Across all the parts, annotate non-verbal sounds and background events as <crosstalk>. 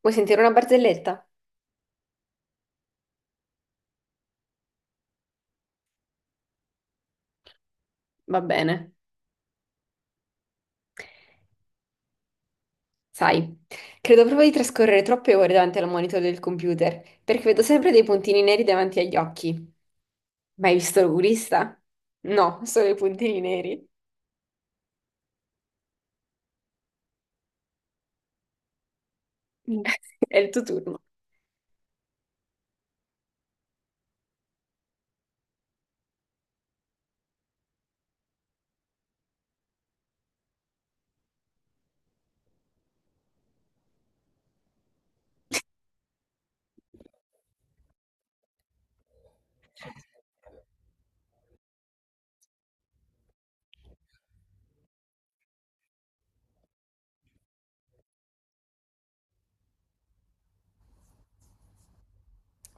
Vuoi sentire una barzelletta? Va bene. Sai, credo proprio di trascorrere troppe ore davanti al monitor del computer, perché vedo sempre dei puntini neri davanti agli occhi. Ma hai visto l'oculista? No, solo i puntini neri. Mm. <laughs> È il tuo turno.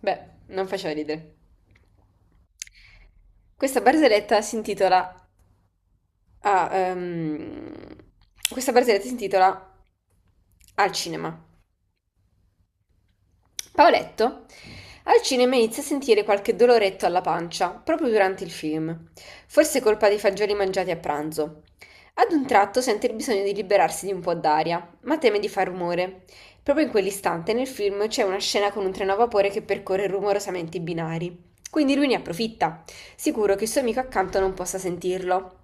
Beh, non faceva ridere. Questa barzelletta si intitola... ah, questa barzelletta si intitola Al cinema. Paoletto al cinema inizia a sentire qualche doloretto alla pancia, proprio durante il film, forse colpa dei fagioli mangiati a pranzo. Ad un tratto sente il bisogno di liberarsi di un po' d'aria, ma teme di far rumore. Proprio in quell'istante nel film c'è una scena con un treno a vapore che percorre rumorosamente i binari. Quindi lui ne approfitta, sicuro che il suo amico accanto non possa sentirlo.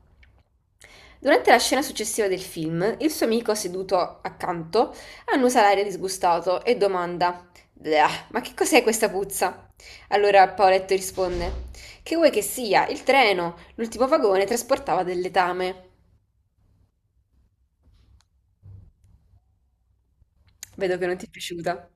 Durante la scena successiva del film, il suo amico seduto accanto annusa l'aria disgustato e domanda: "Bleah, ma che cos'è questa puzza?" Allora Paoletto risponde: "Che vuoi che sia? Il treno, l'ultimo vagone trasportava del letame." Vedo che non ti è piaciuta.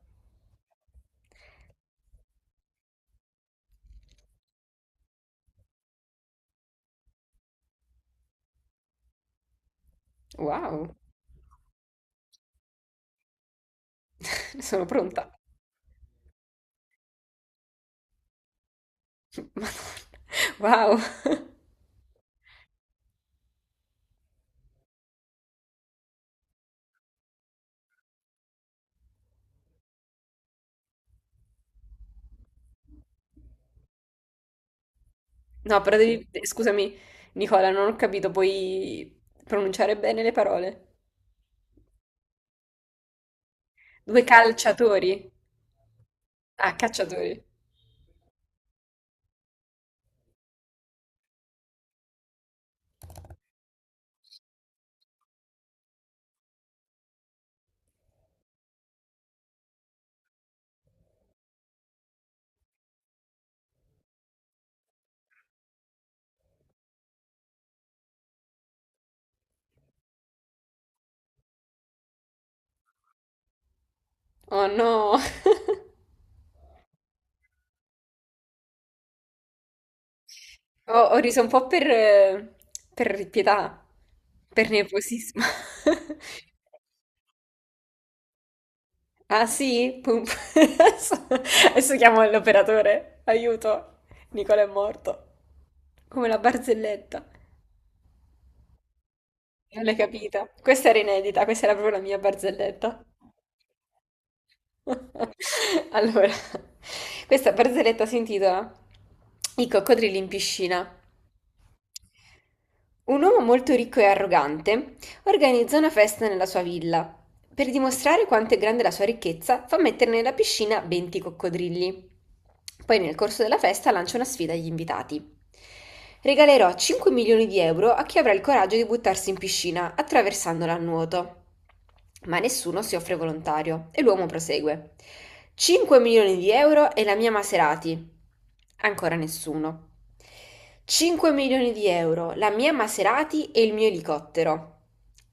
Wow, <laughs> sono pronta. <laughs> Madonna, wow. <laughs> No, però devi, scusami, Nicola, non ho capito, puoi pronunciare bene le parole. Due calciatori. Ah, cacciatori. Oh no, <laughs> ho riso un po' per pietà, per nervosismo. <laughs> Ah sì? Pum- <laughs> Adesso, adesso chiamo l'operatore. Aiuto, Nicola è morto. Come la barzelletta. Non l'hai capita? Questa era inedita, questa era proprio la mia barzelletta. <laughs> Allora, questa barzelletta si intitola I coccodrilli in piscina. Un uomo molto ricco e arrogante organizza una festa nella sua villa. Per dimostrare quanto è grande la sua ricchezza, fa mettere nella piscina 20 coccodrilli. Poi nel corso della festa lancia una sfida agli invitati. Regalerò 5 milioni di euro a chi avrà il coraggio di buttarsi in piscina attraversandola a nuoto. Ma nessuno si offre volontario e l'uomo prosegue. 5 milioni di euro e la mia Maserati. Ancora nessuno. 5 milioni di euro, la mia Maserati e il mio elicottero.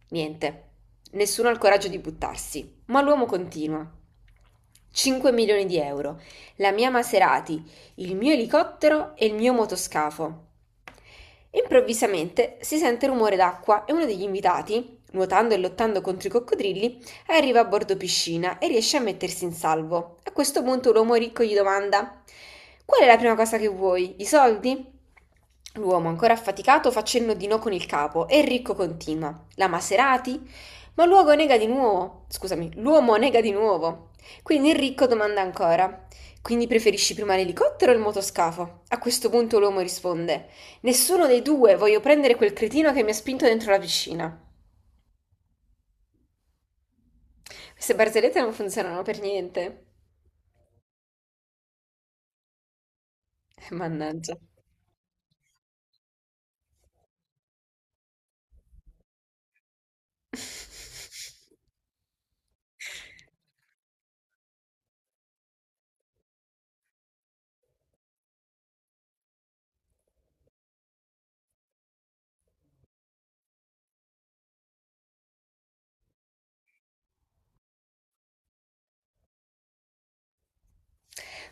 Niente. Nessuno ha il coraggio di buttarsi, ma l'uomo continua. 5 milioni di euro, la mia Maserati, il mio elicottero e il mio motoscafo. Improvvisamente si sente rumore d'acqua e uno degli invitati, nuotando e lottando contro i coccodrilli, arriva a bordo piscina e riesce a mettersi in salvo. A questo punto l'uomo ricco gli domanda: Qual è la prima cosa che vuoi? I soldi? L'uomo, ancora affaticato, fa cenno di no con il capo e il ricco continua: La Maserati? Ma l'uomo nega di nuovo. Scusami, l'uomo nega di nuovo. Quindi il ricco domanda ancora: Quindi preferisci prima l'elicottero o il motoscafo? A questo punto l'uomo risponde: Nessuno dei due, voglio prendere quel cretino che mi ha spinto dentro la piscina. Queste barzellette non funzionano per niente. <laughs> Mannaggia.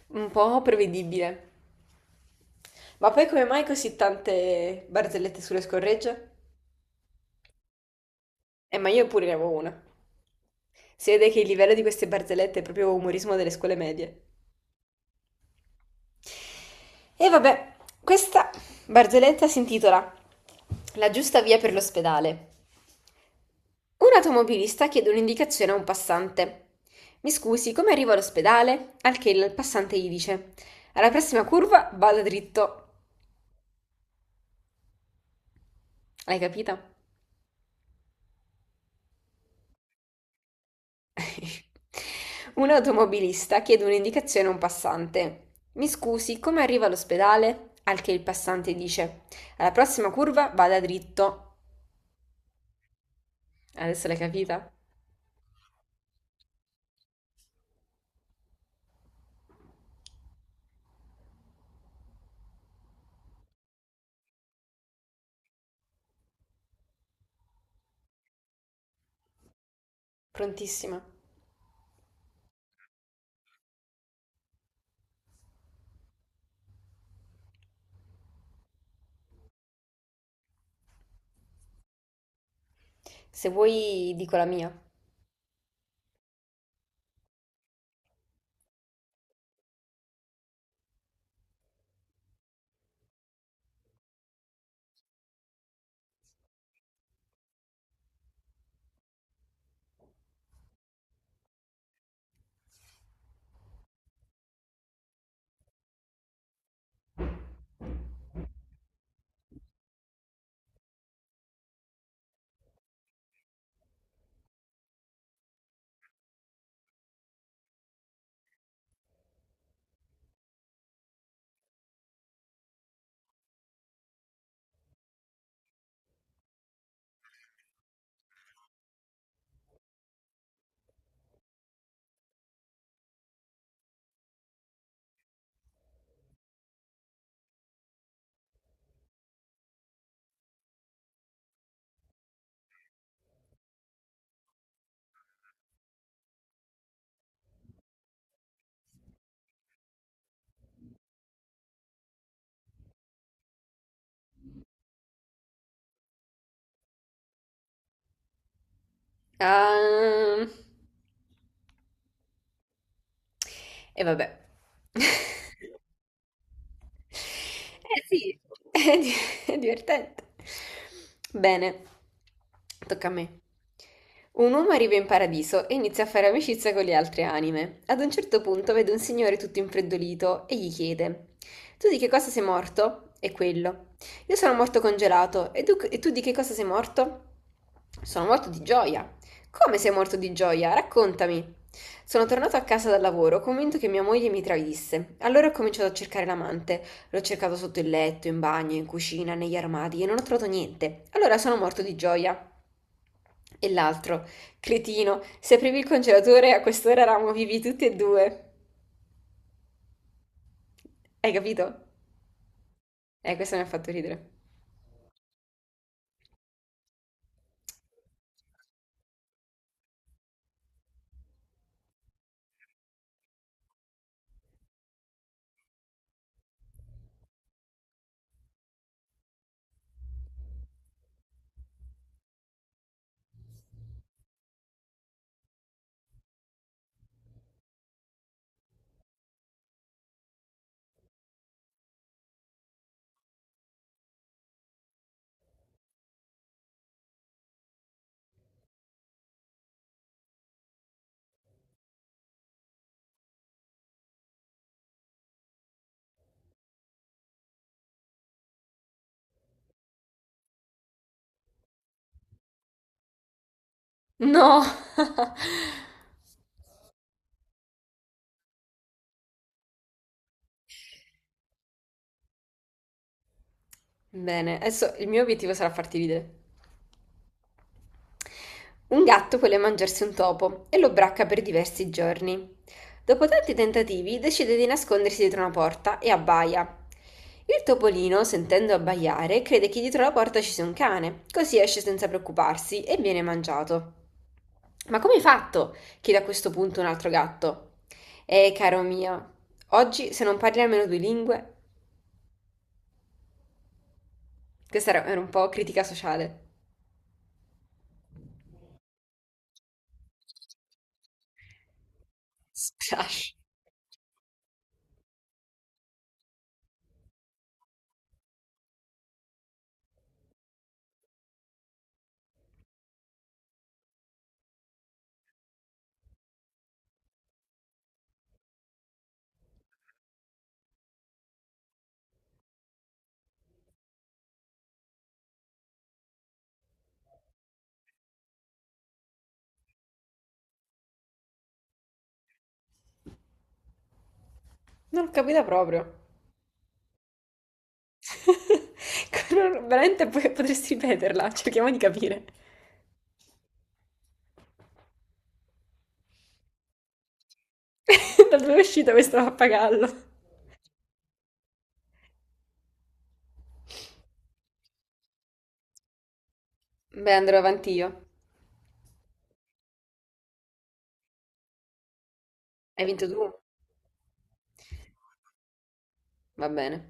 Un po' prevedibile. Ma poi come mai così tante barzellette sulle scorregge? Ma io pure ne avevo una. Si vede che il livello di queste barzellette è proprio umorismo delle scuole medie. E vabbè, questa barzelletta si intitola La giusta via per l'ospedale. Un automobilista chiede un'indicazione a un passante. Mi scusi, come arrivo all'ospedale? Al che il passante gli dice: Alla prossima curva vada dritto. L'hai capita? <laughs> Un automobilista chiede un'indicazione a un passante. Mi scusi, come arrivo all'ospedale? Al che il passante dice: Alla prossima curva vada dritto. Adesso l'hai capita? Prontissima. Se vuoi dico la mia. Ah, e vabbè. <laughs> Eh sì, <laughs> è di- è divertente. Bene, tocca a me. Un uomo arriva in paradiso e inizia a fare amicizia con le altre anime. Ad un certo punto vede un signore tutto infreddolito e gli chiede: Tu di che cosa sei morto? E quello. Io sono morto congelato. E tu di che cosa sei morto? Sono morto di gioia. Come sei morto di gioia? Raccontami. Sono tornato a casa dal lavoro, convinto che mia moglie mi tradisse. Allora ho cominciato a cercare l'amante. L'ho cercato sotto il letto, in bagno, in cucina, negli armadi e non ho trovato niente. Allora sono morto di gioia. E l'altro, cretino, se aprivi il congelatore a quest'ora eravamo vivi tutti e due. Hai capito? Questo mi ha fatto ridere. No! <laughs> Bene, adesso il mio obiettivo sarà farti ridere. Un gatto vuole mangiarsi un topo e lo bracca per diversi giorni. Dopo tanti tentativi decide di nascondersi dietro una porta e abbaia. Il topolino, sentendo abbaiare, crede che dietro la porta ci sia un cane, così esce senza preoccuparsi e viene mangiato. Ma come hai fatto? Chiede a questo punto un altro gatto. Caro mio, oggi se non parli almeno due lingue, questa era un po' critica sociale. Splash. Non l'ho capita proprio. <laughs> Veramente potresti ripeterla, cerchiamo di capire. <laughs> Da dove è uscita questo pappagallo? Beh, andrò avanti io. Hai vinto tu? Va bene.